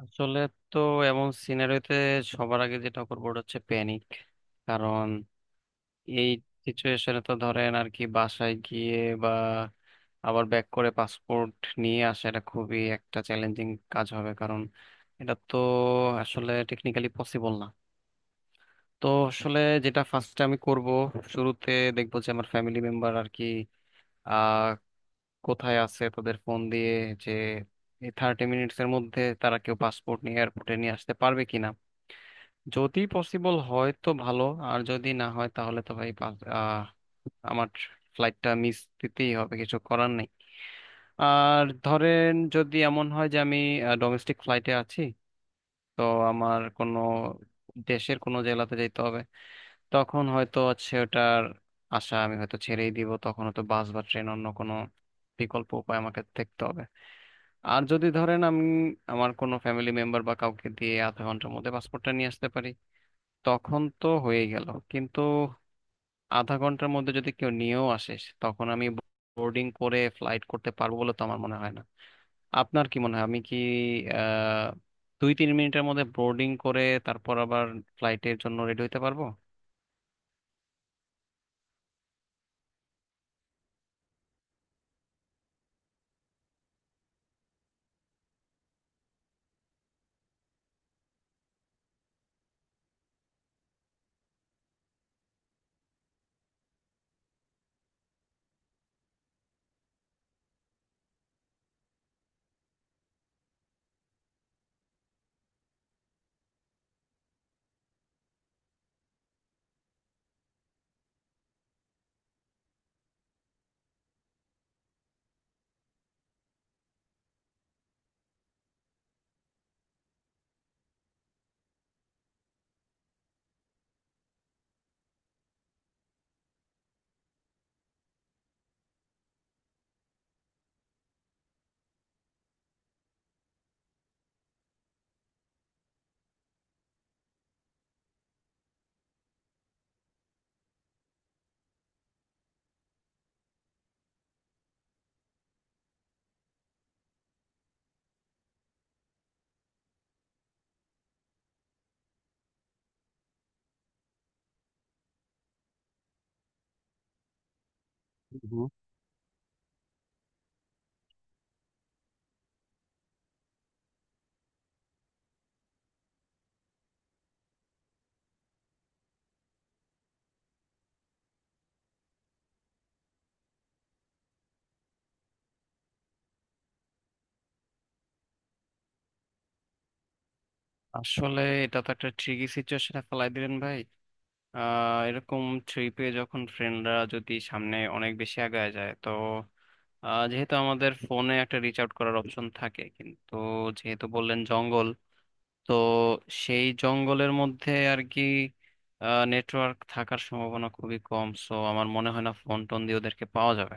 আসলে তো এমন সিনারিওতে সবার আগে যেটা করবো ওটা হচ্ছে প্যানিক। কারণ এই সিচুয়েশনে তো ধরেন আর কি বাসায় গিয়ে বা আবার ব্যাক করে পাসপোর্ট নিয়ে আসা এটা খুবই একটা চ্যালেঞ্জিং কাজ হবে। কারণ এটা তো আসলে টেকনিক্যালি পসিবল না। তো আসলে যেটা ফার্স্টে আমি করব, শুরুতে দেখবো যে আমার ফ্যামিলি মেম্বার আর কি কোথায় আছে, তাদের ফোন দিয়ে যে এই 30 মিনিটস এর মধ্যে তারা কেউ পাসপোর্ট নিয়ে এয়ারপোর্টে নিয়ে আসতে পারবে কিনা। যদি পসিবল হয় তো ভালো। আর যদি না হয় তাহলে তো ভাই আমার ফ্লাইটটা মিস দিতেই হবে, কিছু করার নেই। আর ধরেন যদি এমন হয় যে আমি ডোমেস্টিক ফ্লাইটে আছি, তো আমার কোনো দেশের কোনো জেলাতে যেতে হবে, তখন হয়তো হচ্ছে ওটার আশা আমি হয়তো ছেড়েই দিব। তখন হয়তো বাস বা ট্রেন অন্য কোনো বিকল্প উপায় আমাকে দেখতে হবে। আর যদি ধরেন আমি আমার কোনো ফ্যামিলি মেম্বার বা কাউকে দিয়ে আধা ঘন্টার মধ্যে পাসপোর্টটা নিয়ে আসতে পারি, তখন তো হয়ে গেল। কিন্তু আধা ঘন্টার মধ্যে যদি কেউ নিয়েও আসে তখন আমি বোর্ডিং করে ফ্লাইট করতে পারবো বলে তো আমার মনে হয় না। আপনার কি মনে হয়, আমি কি আহ 2-3 মিনিটের মধ্যে বোর্ডিং করে তারপর আবার ফ্লাইটের জন্য রেডি হতে পারবো? হুম। আসলে এটা তো একটা ট্রিকি সিচুয়েশনে ফেলাই দিলেন ভাই। এরকম ট্রিপে যখন ফ্রেন্ডরা যদি সামনে অনেক বেশি আগায় যায়, তো যেহেতু আমাদের ফোনে একটা রিচ আউট করার অপশন থাকে, কিন্তু যেহেতু বললেন জঙ্গল, তো সেই জঙ্গলের মধ্যে আর কি নেটওয়ার্ক থাকার সম্ভাবনা খুবই কম। সো আমার মনে হয় না ফোন টোন দিয়ে ওদেরকে পাওয়া যাবে।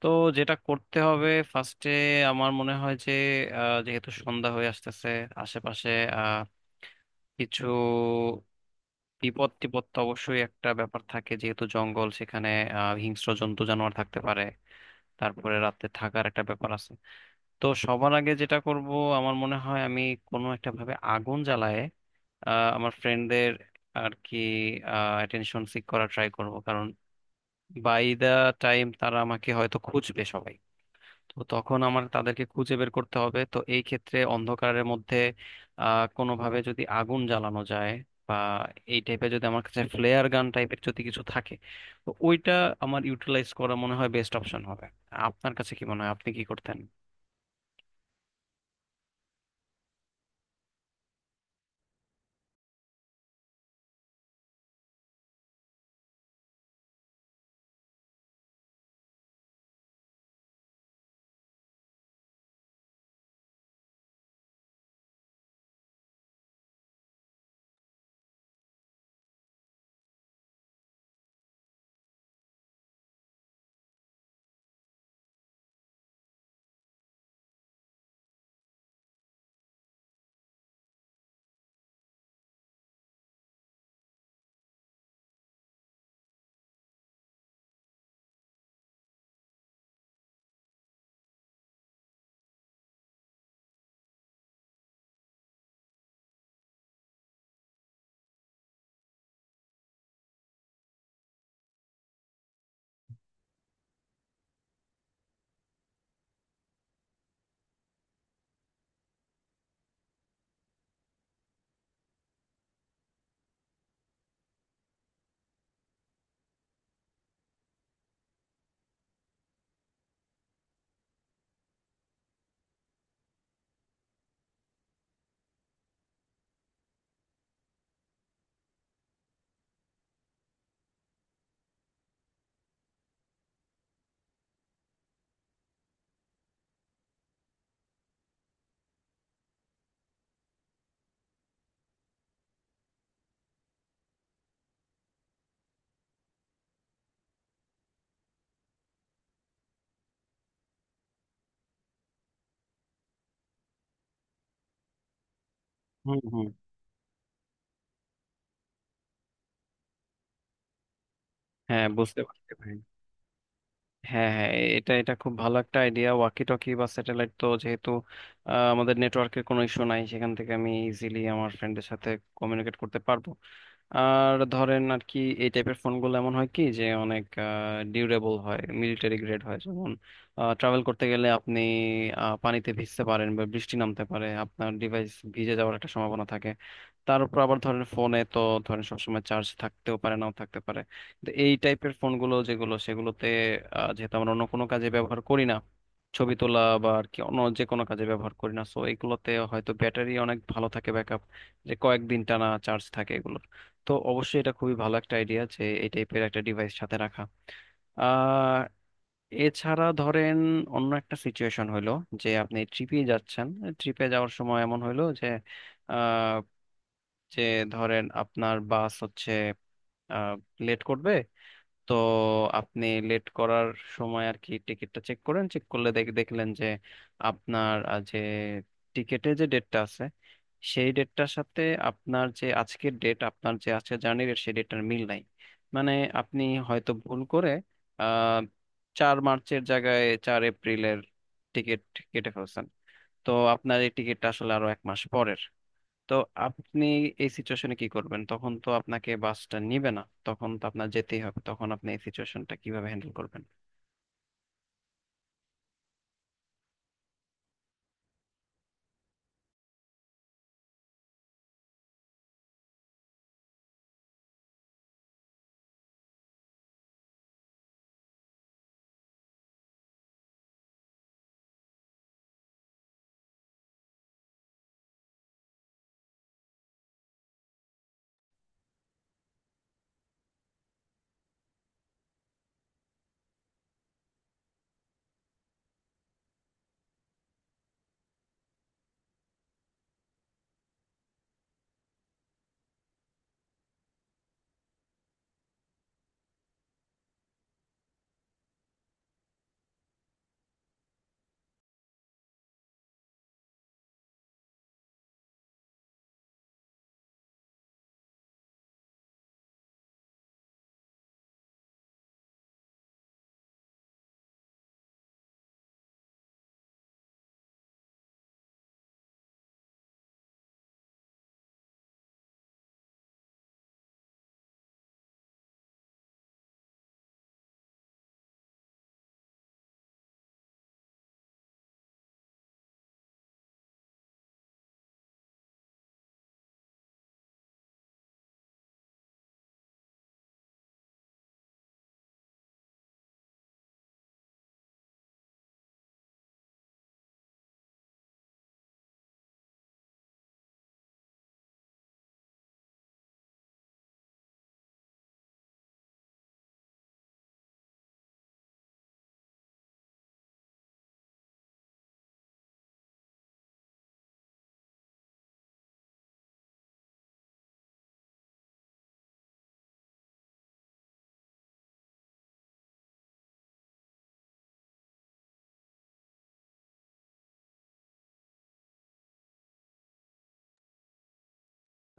তো যেটা করতে হবে ফার্স্টে, আমার মনে হয় যে যেহেতু সন্ধ্যা হয়ে আসতেছে, আশেপাশে আহ, কিছু বিপদ টিপদ তো অবশ্যই একটা ব্যাপার থাকে, যেহেতু জঙ্গল, সেখানে হিংস্র জন্তু জানোয়ার থাকতে পারে। তারপরে রাতে থাকার একটা ব্যাপার আছে। তো সবার আগে যেটা করব, আমার মনে হয় আমি কোনো একটা ভাবে আগুন জ্বালায়ে আমার ফ্রেন্ডদের আর কি অ্যাটেনশন সিক করা ট্রাই করব। কারণ বাই দা টাইম তারা আমাকে হয়তো খুঁজবে সবাই। তো তখন আমার তাদেরকে খুঁজে বের করতে হবে, তো এই ক্ষেত্রে অন্ধকারের মধ্যে কোনোভাবে যদি আগুন জ্বালানো যায়, বা এই টাইপের যদি আমার কাছে ফ্লেয়ার গান টাইপের যদি কিছু থাকে তো ওইটা আমার ইউটিলাইজ করা মনে হয় বেস্ট অপশন হবে। আপনার কাছে কি মনে হয়, আপনি কি করতেন? হুম, হুম। হ্যাঁ, বুঝতে পারছি ভাই। হ্যাঁ, হ্যাঁ, এ- এটা এটা খুব ভালো একটা আইডিয়া। ওয়াকি টকি বা স্যাটেলাইট তো যেহেতু আমাদের নেটওয়ার্কের কোনো ইস্যু নাই, সেখান থেকে আমি ইজিলি আমার ফ্রেন্ডের সাথে কমিউনিকেট করতে পারবো। আর ধরেন আর কি এই টাইপের ফোনগুলো এমন হয় কি যে অনেক ডিউরেবল হয়, মিলিটারি গ্রেড হয়। যেমন ট্রাভেল করতে গেলে আপনি পানিতে ভিজতে পারেন বা বৃষ্টি নামতে পারে, আপনার ডিভাইস ভিজে যাওয়ার একটা সম্ভাবনা থাকে। তার উপর আবার ধরেন ফোনে তো ধরেন সবসময় চার্জ থাকতেও পারে নাও থাকতে পারে। তো এই টাইপের ফোনগুলো যেগুলো সেগুলোতে, যেহেতু আমরা অন্য কোনো কাজে ব্যবহার করি না, ছবি তোলা বা আর কি অন্য যে কোনো কাজে ব্যবহার করি না, সো এগুলোতে হয়তো ব্যাটারি অনেক ভালো থাকে, ব্যাকআপ যে কয়েকদিন টানা চার্জ থাকে এগুলোর। তো অবশ্যই এটা খুবই ভালো একটা আইডিয়া যে এই টাইপের একটা ডিভাইস সাথে রাখা। আহ এছাড়া ধরেন অন্য একটা সিচুয়েশন হইলো যে আপনি ট্রিপে যাচ্ছেন। ট্রিপে যাওয়ার সময় এমন হইলো যে আহ, যে ধরেন আপনার বাস হচ্ছে লেট করবে। তো আপনি লেট করার সময় আর কি টিকিটটা চেক করেন, চেক করলে দেখলেন যে আপনার যে টিকিটে যে ডেটটা আছে সেই ডেটটার সাথে আপনার যে আজকের ডেট, আপনার যে আজকের জার্নি ডেট, সেই ডেটটার মিল নাই। মানে আপনি হয়তো ভুল করে আহ 4 মার্চের জায়গায় 4 এপ্রিলের টিকিট কেটে ফেলছেন। তো আপনার এই টিকিটটা আসলে আরো এক মাস পরের। তো আপনি এই সিচুয়েশনে কি করবেন? তখন তো আপনাকে বাসটা নিবে না, তখন তো আপনার যেতেই হবে। তখন আপনি এই সিচুয়েশনটা কিভাবে হ্যান্ডেল করবেন?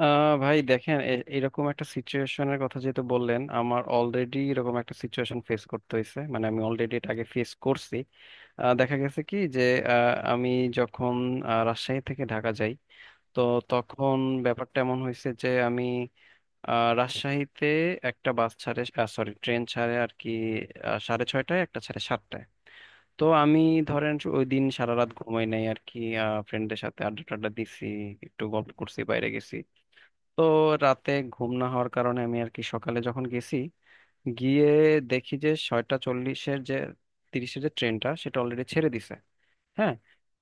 ভাই দেখেন, এরকম একটা সিচুয়েশনের কথা যেহেতু বললেন, আমার অলরেডি এরকম একটা সিচুয়েশন ফেস করতে হয়েছে। মানে আমি অলরেডি এটা আগে ফেস করছি। দেখা গেছে কি যে, আমি যখন রাজশাহী থেকে ঢাকা যাই, তো তখন ব্যাপারটা এমন হয়েছে যে আমি রাজশাহীতে একটা বাস ছাড়ে, সরি ট্রেন ছাড়ে আর কি। সাড়ে ছয়টায় একটা ছাড়ে, সাতটায়। তো আমি ধরেন ওই দিন সারা রাত ঘুমাই নাই আর কি, ফ্রেন্ডের সাথে আড্ডা টাড্ডা দিছি, একটু গল্প করছি, বাইরে গেছি। তো রাতে ঘুম না হওয়ার কারণে আমি আর কি সকালে যখন গেছি, গিয়ে দেখি যে ছয়টা চল্লিশের যে তিরিশের যে ট্রেনটা সেটা অলরেডি ছেড়ে দিছে। হ্যাঁ।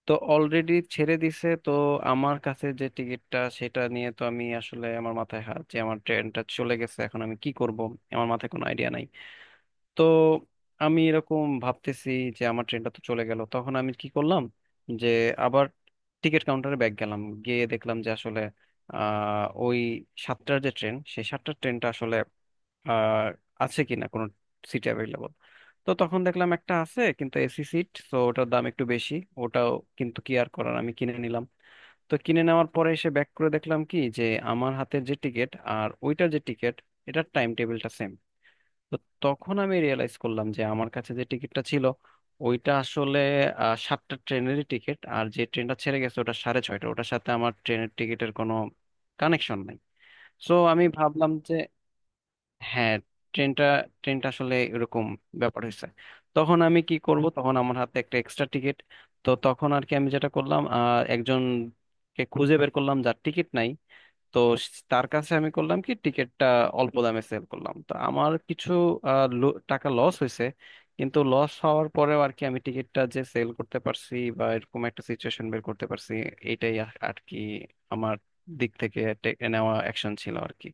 তো অলরেডি ছেড়ে দিছে। তো আমার কাছে যে টিকিটটা সেটা নিয়ে তো আমি আসলে আমার মাথায় হাত, যে আমার ট্রেনটা চলে গেছে, এখন আমি কি করব, আমার মাথায় কোনো আইডিয়া নাই। তো আমি এরকম ভাবতেছি যে আমার ট্রেনটা তো চলে গেল, তখন আমি কি করলাম, যে আবার টিকিট কাউন্টারে ব্যাক গেলাম, গিয়ে দেখলাম যে আসলে ওই সাতটার যে ট্রেন, সেই সাতটার ট্রেনটা আসলে আহ আছে কিনা কোনো সিট অ্যাভেলেবল। তো তখন দেখলাম একটা আছে, কিন্তু এসি সিট তো ওটার দাম একটু বেশি ওটাও, কিন্তু কি আর করার, আমি কিনে নিলাম। তো কিনে নেওয়ার পরে এসে ব্যাক করে দেখলাম কি যে, আমার হাতের যে টিকিট আর ওইটার যে টিকিট, এটার টাইম টেবিলটা সেম। তো তখন আমি রিয়েলাইজ করলাম যে আমার কাছে যে টিকিটটা ছিল ওইটা আসলে সাতটা ট্রেনেরই টিকিট, আর যে ট্রেনটা ছেড়ে গেছে ওটা সাড়ে ছয়টা, ওটার সাথে আমার ট্রেনের টিকিটের কোনো কানেকশন নাই। সো আমি ভাবলাম যে হ্যাঁ, ট্রেনটা ট্রেনটা আসলে এরকম ব্যাপার হয়েছে। তখন আমি কি করব, তখন আমার হাতে একটা এক্সট্রা টিকিট। তো তখন আর কি আমি যেটা করলাম, একজনকে খুঁজে বের করলাম যার টিকিট নাই। তো তার কাছে আমি করলাম কি, টিকিটটা অল্প দামে সেল করলাম। তো আমার কিছু টাকা লস হয়েছে। কিন্তু লস হওয়ার পরেও আর কি আমি টিকিটটা যে সেল করতে পারছি বা এরকম একটা সিচুয়েশন বের করতে পারছি, এটাই আর আর কি আমার দিক থেকে নেওয়া অ্যাকশন ছিল আর কি।